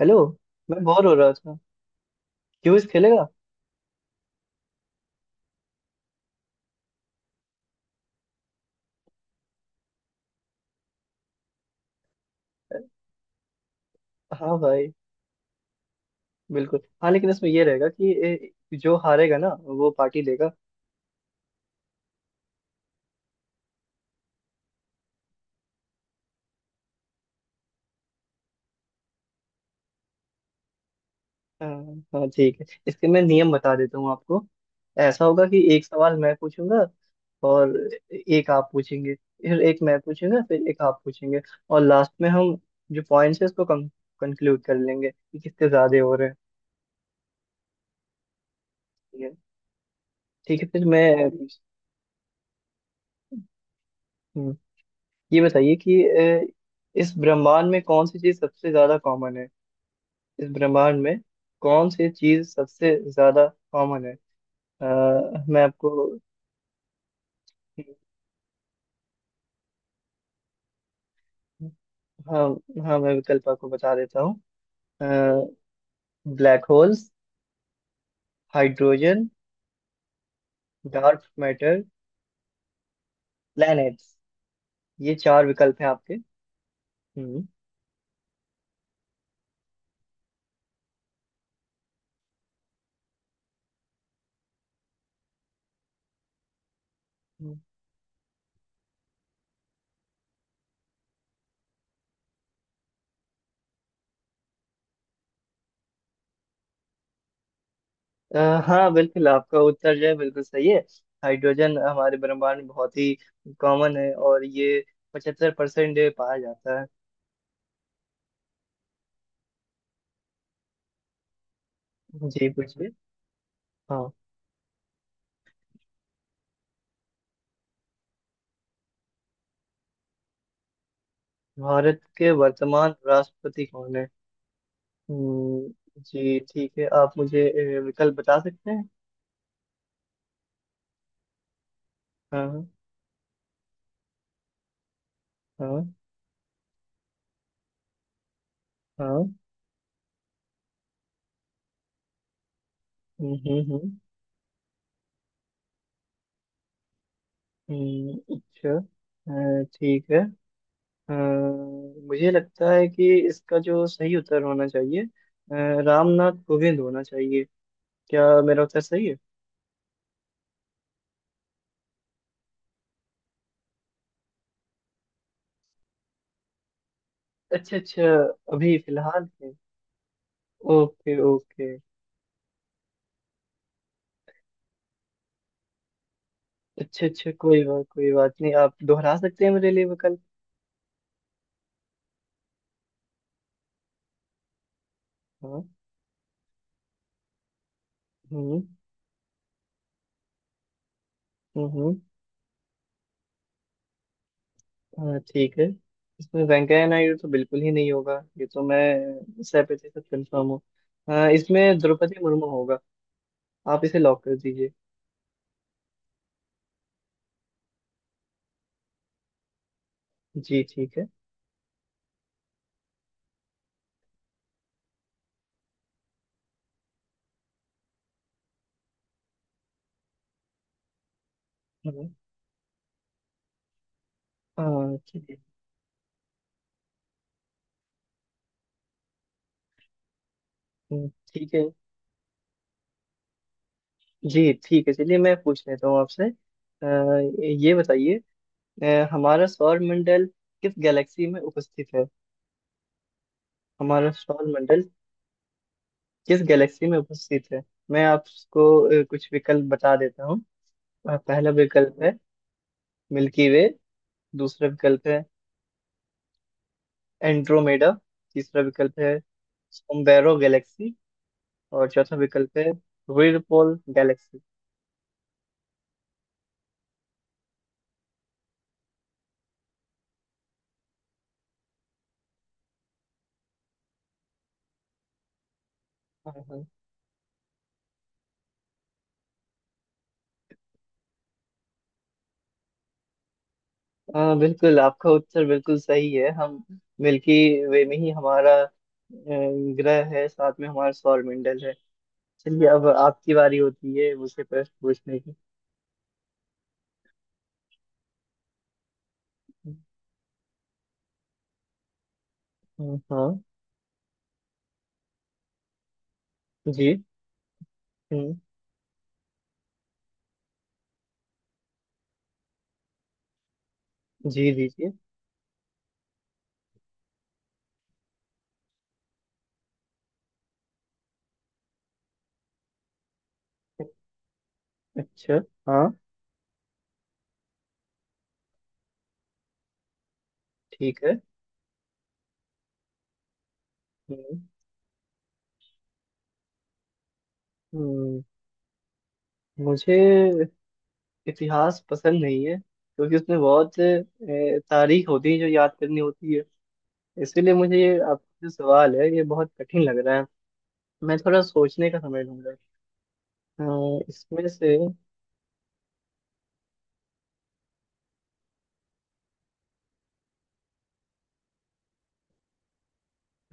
Hello. मैं bore हो रहा था। क्यूज खेलेगा? हाँ भाई। बिल्कुल हाँ, लेकिन इसमें ये रहेगा कि जो हारेगा ना वो पार्टी देगा। हाँ। हाँ, ठीक है, इसके मैं नियम बता देता हूँ आपको। ऐसा होगा कि एक सवाल मैं पूछूंगा और एक आप पूछेंगे, फिर एक मैं पूछूंगा, फिर एक आप पूछेंगे, और लास्ट में हम जो पॉइंट्स है उसको कंक्लूड कर लेंगे कि किसके ज्यादा हो रहे हैं। ठीक है। ठीक है, फिर मैं, हम्म, ये बताइए कि ए, इस ब्रह्मांड में कौन सी चीज सबसे ज्यादा कॉमन है? इस ब्रह्मांड में कौन सी चीज सबसे ज्यादा कॉमन है? मैं आपको, हाँ। हाँ, मैं विकल्प आपको बता देता हूँ। Black holes, hydrogen, dark matter, planets. ये चार विकल्प हैं आपके। हम्म। हम्म। अ, हाँ बिल्कुल, आपका उत्तर जो है बिल्कुल सही है। हाइड्रोजन हमारे ब्रह्मांड में बहुत ही कॉमन है, और ये पचहत्तर परसेंट पाया जाता है। जी पूछिए। हाँ। भारत के वर्तमान राष्ट्रपति कौन है? जी ठीक है। आप मुझे विकल्प बता सकते हैं? हाँ। हाँ। हाँ। हम्म, हम्म, हम्म। अच्छा। ठीक है। अ, मुझे लगता है कि इसका जो सही उत्तर होना चाहिए रामनाथ कोविंद होना चाहिए। क्या मेरा उत्तर सही है? अच्छा अच्छा। अभी फिलहाल है? Okay okay. अच्छा अच्छा, कोई बात नहीं। आप दोहरा सकते हैं मेरे लिए विकल्प। हाँ। हम्म, हम्म, हाँ ठीक है। इसमें वेंकैया नायडू तो बिल्कुल ही नहीं होगा, ये तो मैं सौ प्रतिशत कंफर्म हूँ। हाँ, इसमें द्रौपदी मुर्मू होगा। आप इसे लॉक कर दीजिए। जी ठीक है। हम्म। हाँ ठीक है। हम्म, ठीक है। जी ठीक है, चलिए मैं पूछ लेता हूँ आपसे। अ, ये बताइए, हमारा सौर मंडल किस गैलेक्सी में उपस्थित है? हमारा सौर मंडल किस गैलेक्सी में उपस्थित है? मैं आपको कुछ विकल्प बता देता हूँ। पहला विकल्प है मिल्की वे। दूसरा विकल्प है एंड्रोमेडा। तीसरा विकल्प है सोमबेरो गैलेक्सी। और चौथा विकल्प है व्हर्लपूल गैलेक्सी। हाँ। हाँ। हाँ, बिल्कुल, आपका उत्तर बिल्कुल सही है। हम मिल्की वे में ही हमारा ग्रह है, साथ में हमारा सौरमंडल है। चलिए, अब आपकी बारी होती है मुझसे प्रश्न पूछने की। हाँ। जी। हम्म, जी दीजिए। अच्छा। हाँ ठीक है। हम्म, हम्म, मुझे इतिहास पसंद नहीं है, क्योंकि उसमें बहुत तारीख होती है जो याद करनी होती है। इसीलिए मुझे ये आपका जो सवाल है ये बहुत कठिन लग रहा है। मैं थोड़ा सोचने का समय लूंगा। इसमें से,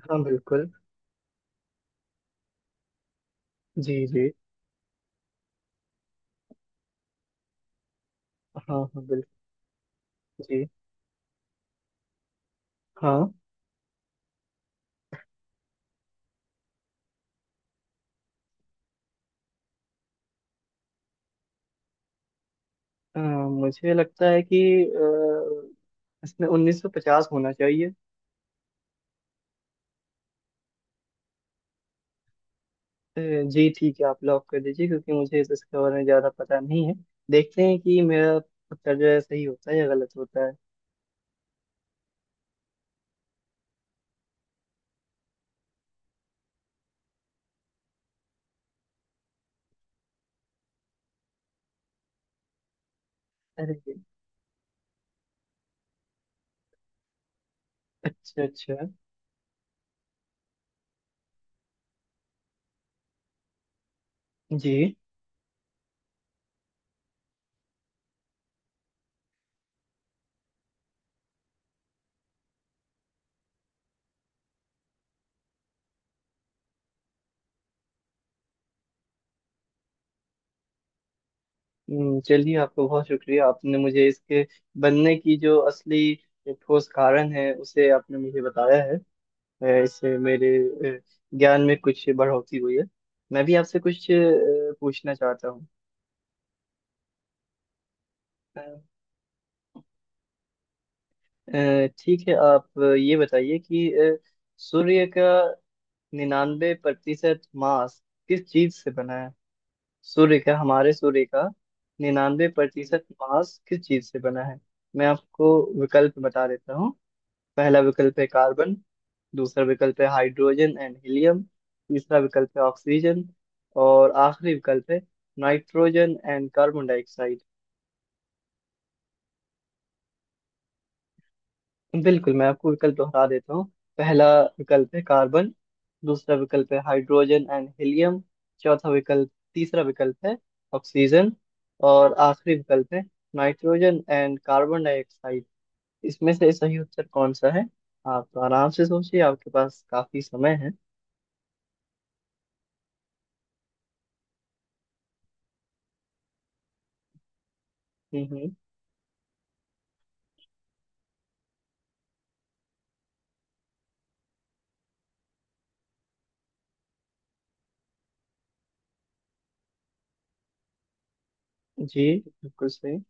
हाँ बिल्कुल। जी जी। हाँ हाँ बिल्कुल। जी। हाँ। मुझे लगता है कि इसमें 1950 होना चाहिए। अ, जी ठीक है, आप लॉक कर दीजिए, क्योंकि मुझे इस इसके बारे में ज़्यादा पता नहीं है। देखते हैं कि मेरा उत्तर जो है सही होता है या गलत होता है। अरे। अच्छा अच्छा। जी। चलिए, आपका बहुत शुक्रिया। आपने मुझे इसके बनने की जो असली ठोस कारण है उसे आपने मुझे बताया है। इससे मेरे अ, ज्ञान में कुछ बढ़ोतरी हुई है। मैं भी आपसे कुछ पूछना चाहता हूँ। अ, ठीक है, आप ये बताइए कि सूर्य का निन्यानवे प्रतिशत मास किस चीज से बना है? सूर्य का हमारे सूर्य का निन्यानवे प्रतिशत मास किस चीज से बना है? मैं आपको विकल्प बता देता हूँ। पहला विकल्प है कार्बन। दूसरा विकल्प है हाइड्रोजन एंड हीलियम। तीसरा विकल्प है ऑक्सीजन। और आखिरी विकल्प है नाइट्रोजन एंड कार्बन डाइऑक्साइड। बिल्कुल, मैं आपको विकल्प दोहरा देता हूँ। पहला विकल्प है कार्बन। दूसरा विकल्प है हाइड्रोजन एंड हीलियम। चौथा विकल्प तीसरा विकल्प है ऑक्सीजन। और आखिरी विकल्प है नाइट्रोजन एंड कार्बन डाइऑक्साइड। इसमें से सही उत्तर कौन सा है? आप तो आराम से सोचिए, आपके पास काफी समय है। हम्म, जी, बिल्कुल सही।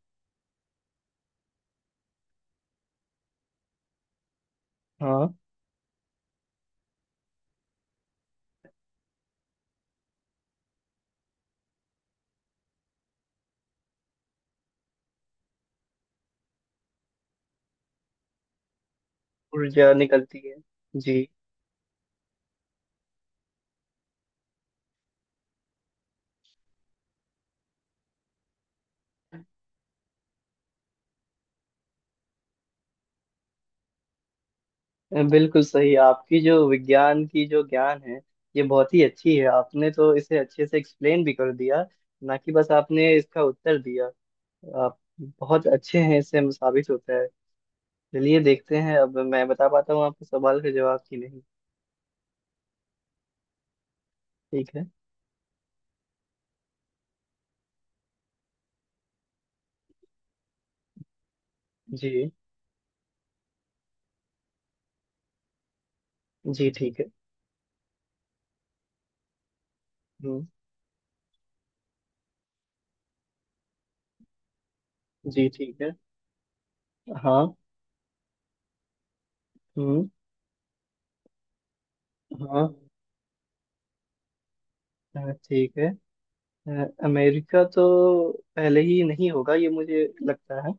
हाँ, ऊर्जा निकलती है। जी, बिल्कुल सही। आपकी जो विज्ञान की जो ज्ञान है ये बहुत ही अच्छी है। आपने तो इसे अच्छे से एक्सप्लेन भी कर दिया, ना कि बस आपने इसका उत्तर दिया। आप बहुत अच्छे हैं, इससे साबित होता है। चलिए, देखते हैं अब मैं बता पाता हूँ आपके सवाल का जवाब कि नहीं। ठीक है। जी जी ठीक है। हम्म। जी ठीक है। हाँ। हम्म। हाँ। हाँ, ठीक है। अमेरिका तो पहले ही नहीं होगा, ये मुझे लगता है।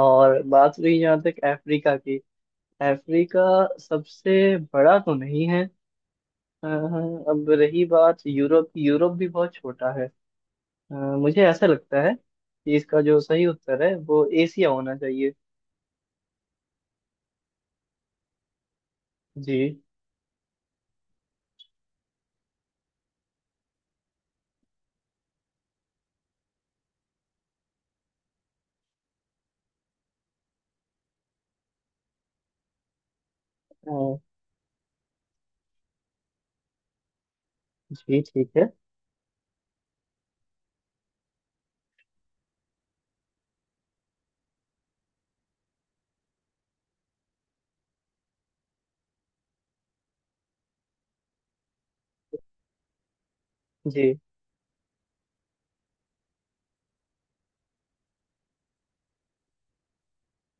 और बात रही जहाँ तक अफ्रीका की, अफ्रीका सबसे बड़ा तो नहीं है। अब रही बात यूरोप की, यूरोप भी बहुत छोटा है। मुझे ऐसा लगता है कि इसका जो सही उत्तर है वो एशिया होना चाहिए। जी। अ, जी ठीक है। जी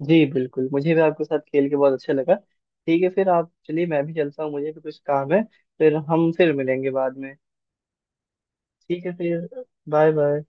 जी बिल्कुल, मुझे भी आपके साथ खेल के बहुत अच्छा लगा। ठीक है, फिर आप चलिए, मैं भी चलता हूँ, मुझे भी कुछ काम है। फिर हम फिर मिलेंगे बाद में। ठीक है फिर। Bye bye.